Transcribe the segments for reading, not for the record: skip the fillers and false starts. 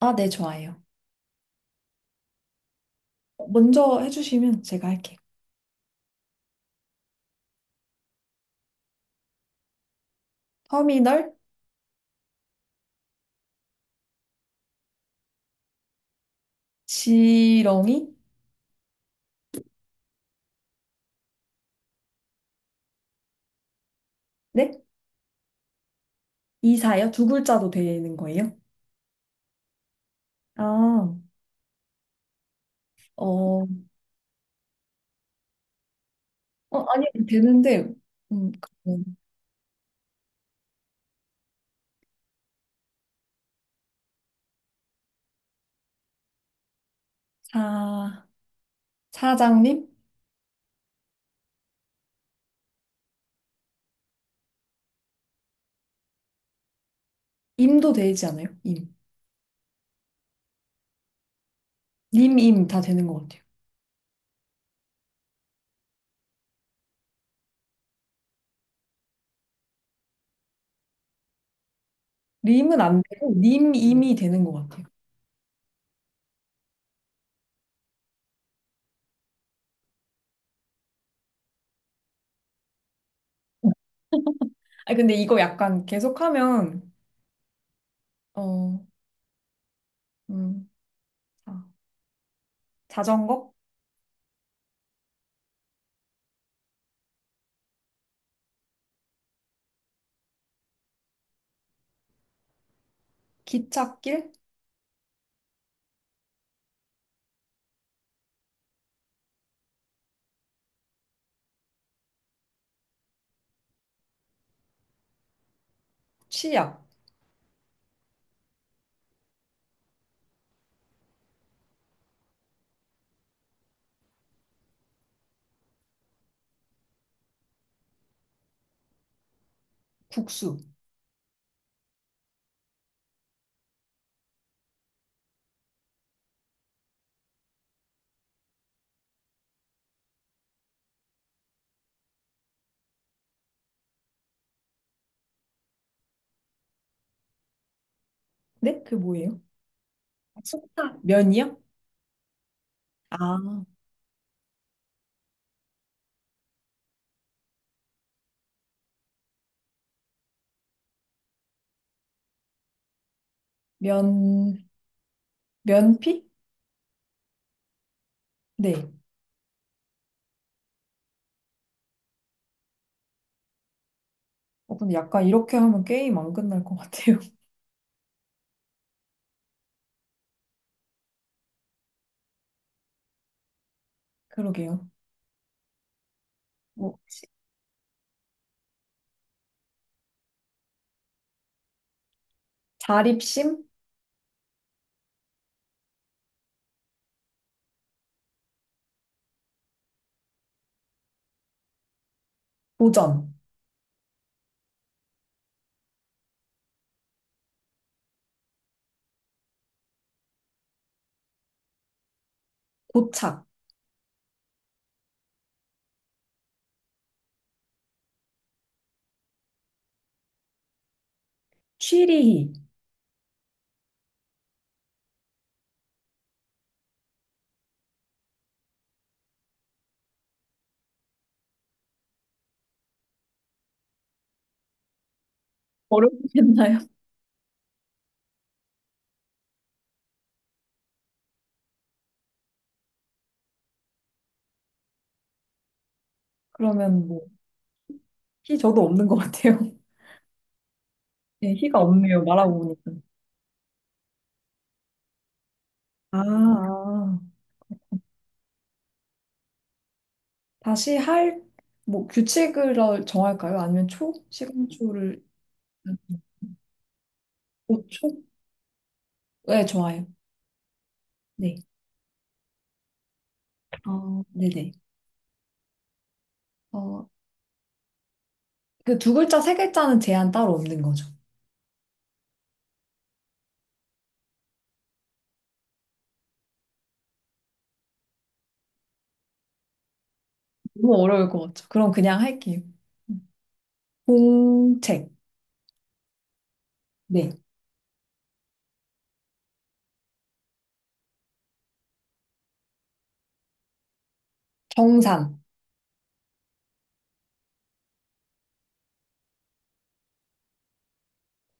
아, 네, 좋아요. 먼저 해주시면 제가 할게요. 터미널, 지렁이, 네? 이사요? 두 글자도 되는 거예요? 아, 어, 아니, 되는데, 그 사, 사장님? 임도 되지 않아요? 임. 님, 임 다 되는 것 같아요. 림은 안 되고, 님, 임이 되는 것 같아요. 아, 근데 이거 약간 계속하면, 어, 음, 아, 자전거, 기찻길, 치약, 국수. 네? 그게 뭐예요? 속타 면이요? 아, 면, 면피? 네. 어, 근데 약간 이렇게 하면 게임 안 끝날 것 같아요. 그러게요. 뭐, 시- 자립심, 도전, 도착, 취리히. 어렵겠나요? 그러면 뭐, 히 저도 없는 것 같아요. 네, 히가 없네요. 말하고 보니까. 아, 아. 다시 할, 뭐, 규칙을 정할까요? 아니면 초? 시간 초를 5초 네, 좋아요. 네. 어, 네네. 어, 그 두 글자, 세 글자는 제한 따로 없는 거죠. 너무 어려울 것 같죠. 그럼 그냥 할게요. 공책, 네. 정산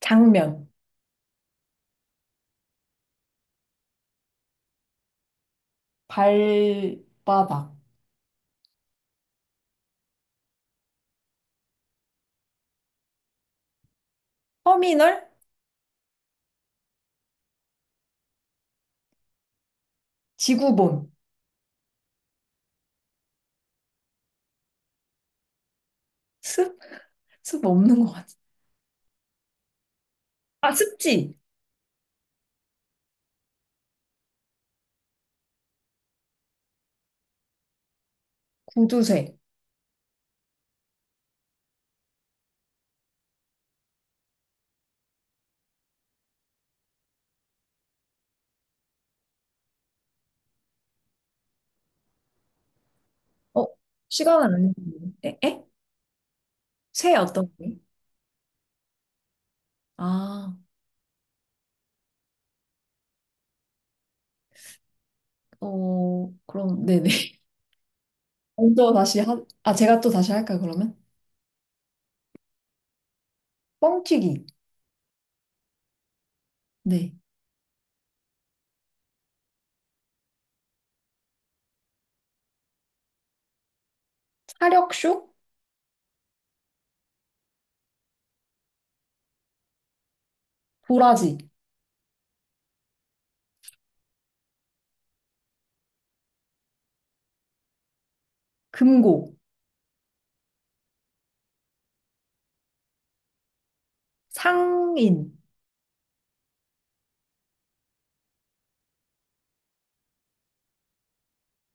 장면, 발바닥, 터미널, 지구본, 습? 습 없는 것 같아. 아, 습지, 구두쇠. 어, 시간은 안 했는데. 에? 에? 쇠 어떤 게? 아, 어, 그럼, 네네. 먼저 다시 하, 아, 제가 또 다시 할까요, 그러면? 뻥튀기, 네. 사력쇼, 도라지, 금고. 상인,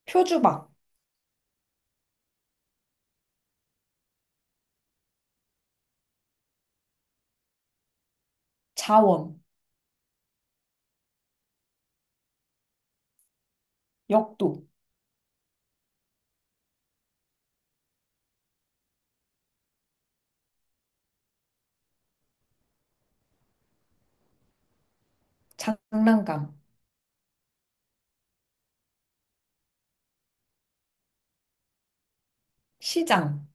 표주박, 자원, 역도, 장난감, 시장.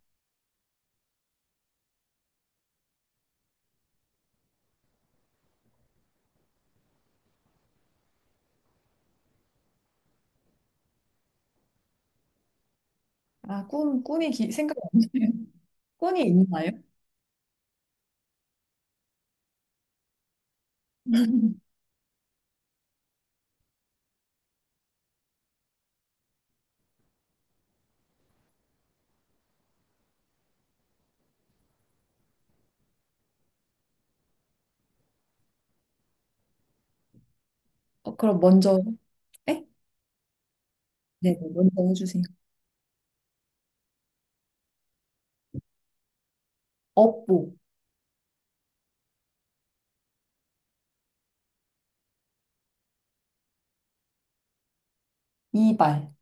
아, 꿈, 꿈이 기- 생각이 안 나요. 꿈이 있나요? 어, 그럼 먼저, 에? 네, 네, 먼저 해주세요. 업보, 이발,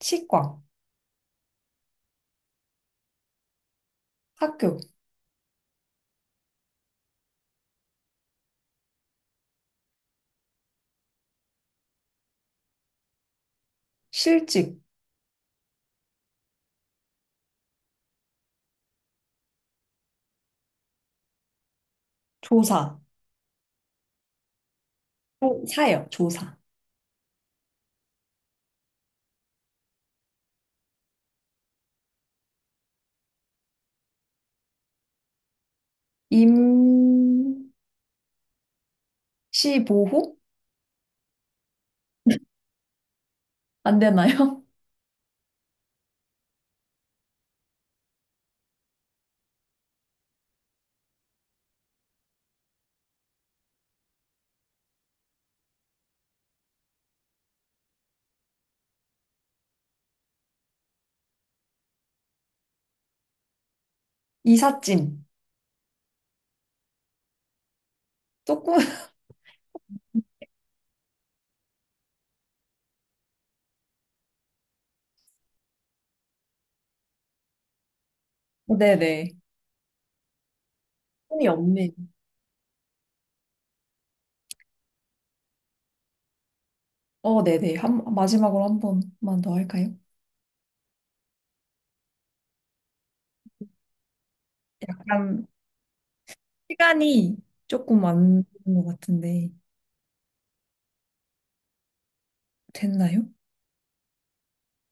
치과, 학교, 실직, 조사, 조- 사요, 조사. 임시보호? 안 되나요? 이삿짐. 조금, 네네. 꿈이 없네. 요 어, 네네. 한, 마지막으로 한 번만 더 할까요? 약간 시간이 조금 안 되는 것 같은데 됐나요?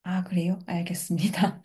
아, 그래요? 알겠습니다.